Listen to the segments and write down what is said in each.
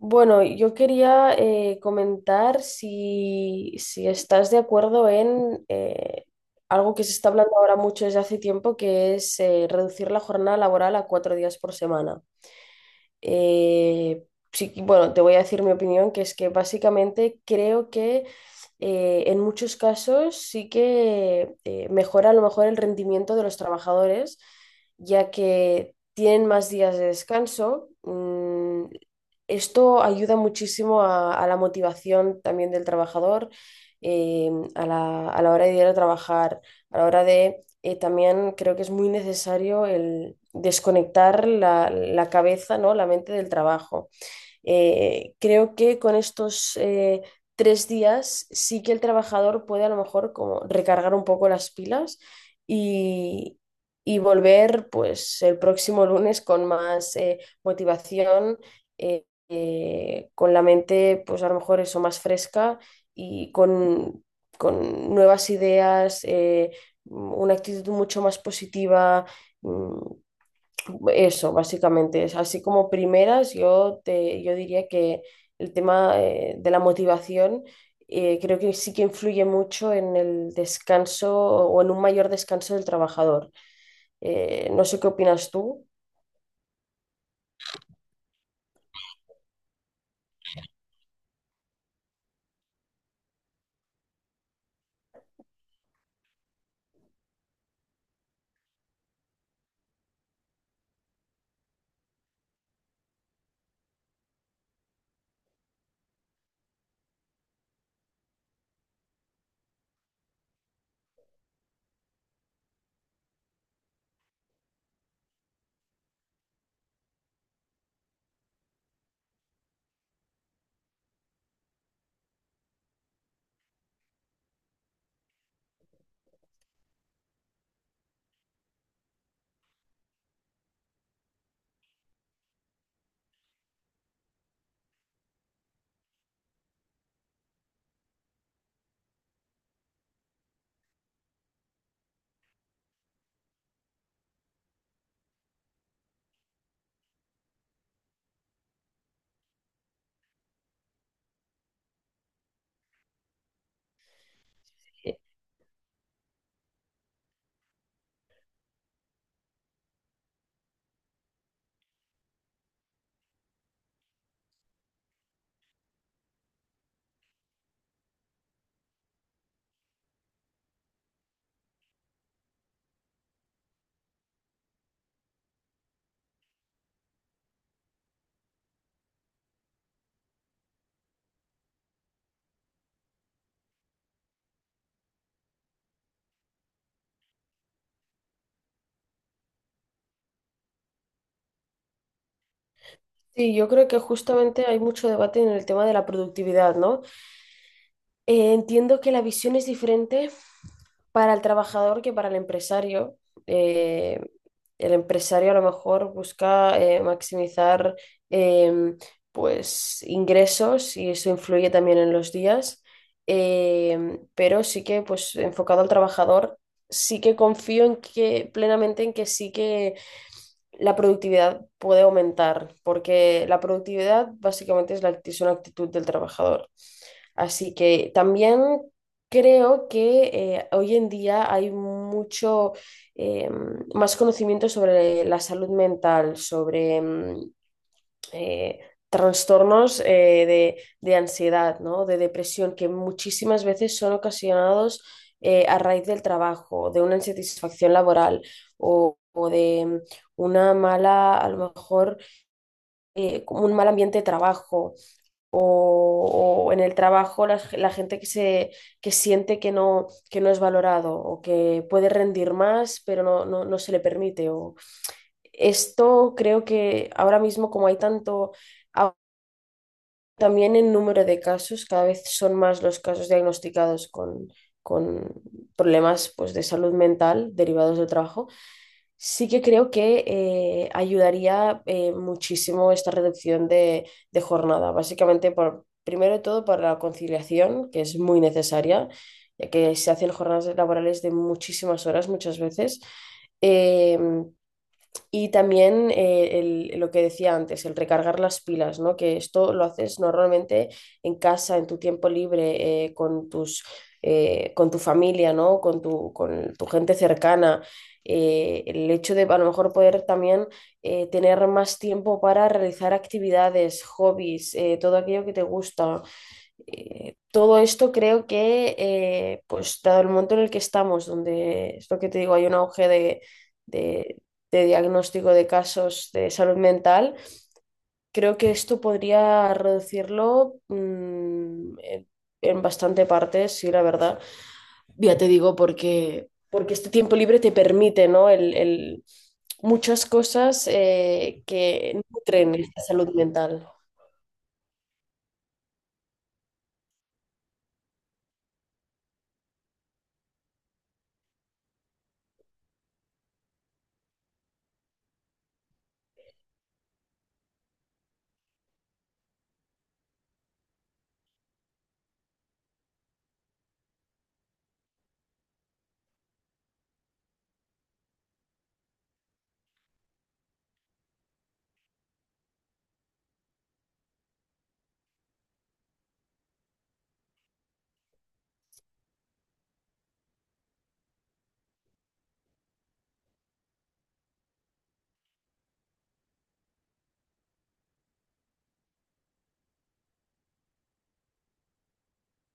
Bueno, yo quería comentar si estás de acuerdo en algo que se está hablando ahora mucho desde hace tiempo, que es reducir la jornada laboral a 4 días por semana. eh, sí, bueno, te voy a decir mi opinión, que es que básicamente creo que en muchos casos sí que mejora a lo mejor el rendimiento de los trabajadores, ya que tienen más días de descanso. Esto ayuda muchísimo a la motivación también del trabajador, a la hora de ir a trabajar, a la hora de también creo que es muy necesario el desconectar la cabeza, ¿no? La mente del trabajo. Creo que con estos 3 días sí que el trabajador puede a lo mejor como recargar un poco las pilas y, y volver pues el próximo lunes con más motivación, con la mente pues a lo mejor eso más fresca y con, con nuevas ideas, una actitud mucho más positiva. mm, Eso, básicamente. Es así como primeras, yo diría que el tema de la motivación creo que sí que influye mucho en el descanso o en un mayor descanso del trabajador. No sé qué opinas tú. Eh, Sí, yo creo que justamente hay mucho debate en el tema de la productividad, ¿no? Entiendo que la visión es diferente para el trabajador que para el empresario. Eh, el empresario a lo mejor busca maximizar em, pues ingresos y eso influye también en los días. Pero sí que pues enfocado al trabajador, sí que confío en que plenamente en que sí que la productividad puede aumentar, porque la productividad básicamente es, es una actitud del trabajador. Así que también creo que hoy en día hay mucho eh, más conocimiento sobre la salud mental, sobre eh, trastornos de ansiedad, ¿no? De depresión, que muchísimas veces son ocasionados a raíz del trabajo, de una insatisfacción laboral o de una mala, a lo mejor, como un mal ambiente de trabajo o en el trabajo gente que siente que no es valorado o que puede rendir más pero no se le permite. O esto creo que ahora mismo como hay tanto también en número de casos, cada vez son más los casos diagnosticados con problemas pues de salud mental derivados del trabajo. Sí que creo que ayudaría muchísimo esta reducción de jornada, básicamente por, primero de todo para la conciliación, que es muy necesaria, ya que se hacen jornadas laborales de muchísimas horas muchas veces. Eh, y también lo que decía antes, el recargar las pilas, ¿no? Que esto lo haces normalmente en casa, en tu tiempo libre, con tu familia, ¿no? Con tu gente cercana. El hecho de a lo mejor poder también tener más tiempo para realizar actividades, hobbies, todo aquello que te gusta, todo esto creo que, pues dado el momento en el que estamos, donde es lo que te digo, hay un auge de, de- de diagnóstico de casos de salud mental, creo que esto podría reducirlo, en bastante parte, sí, la verdad. Ya te digo, porque, porque este tiempo libre te permite, ¿no? Muchas cosas que nutren esta salud mental.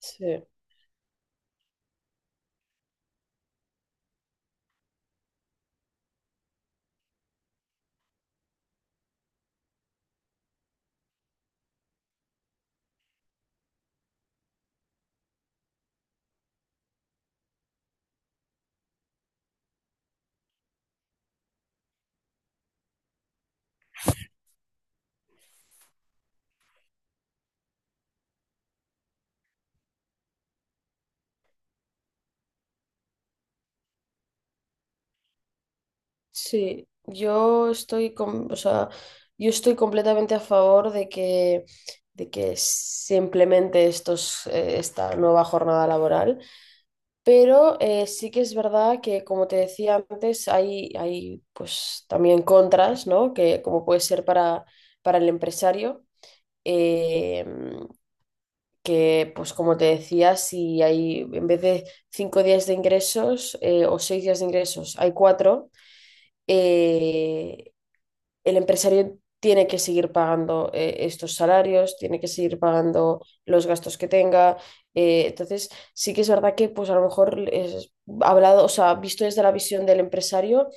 Sí. Sí, o sea, yo estoy completamente a favor de que se implemente estos, esta nueva jornada laboral, pero sí que es verdad que, como te decía antes, hay pues también contras, ¿no? Que como puede ser para el empresario, eh, que pues como te decía, si hay en vez de 5 días de ingresos o 6 días de ingresos, hay cuatro. eh, el empresario tiene que seguir pagando estos salarios, tiene que seguir pagando los gastos que tenga. Entonces, sí que es verdad que pues a lo mejor es hablado, o sea, visto desde la visión del empresario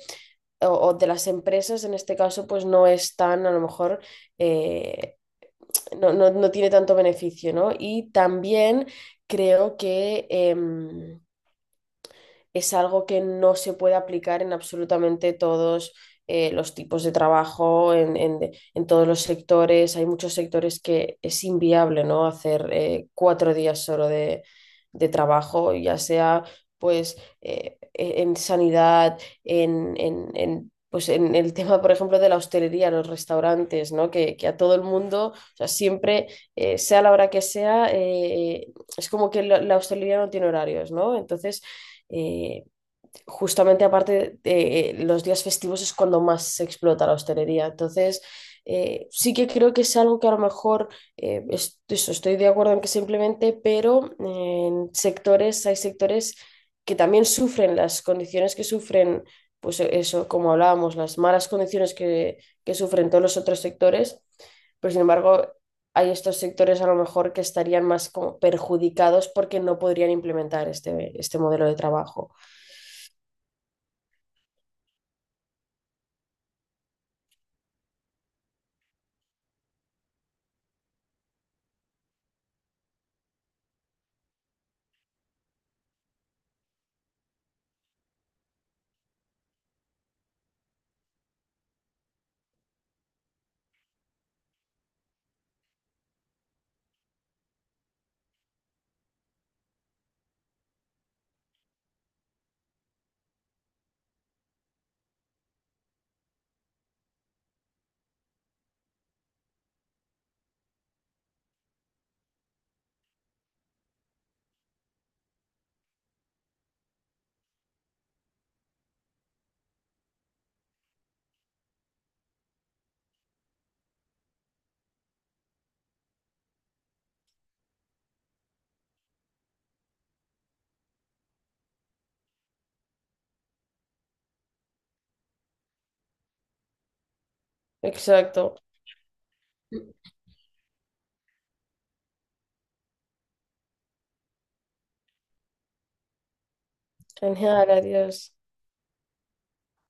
o de las empresas, en este caso, pues no es tan, a lo mejor, eh, no tiene tanto beneficio, ¿no? Y también creo que es algo que no se puede aplicar en absolutamente todos los tipos de trabajo, en todos los sectores. Hay muchos sectores que es inviable, ¿no? Hacer 4 días solo de trabajo, ya sea pues en sanidad, en, pues en el tema, por ejemplo, de la hostelería, los restaurantes, ¿no? Que a todo el mundo, o sea, siempre, sea la hora que sea, es como que la hostelería no tiene horarios, ¿no? Entonces, eh, justamente aparte los días festivos es cuando más se explota la hostelería. Entonces, sí que creo que es algo que a lo mejor eso, estoy de acuerdo en que se implemente, pero en sectores, hay sectores que también sufren las condiciones que sufren, pues eso, como hablábamos, las malas condiciones que sufren todos los otros sectores, pero sin embargo, hay estos sectores a lo mejor que estarían más como perjudicados porque no podrían implementar este, este modelo de trabajo. Exacto. Genial, adiós.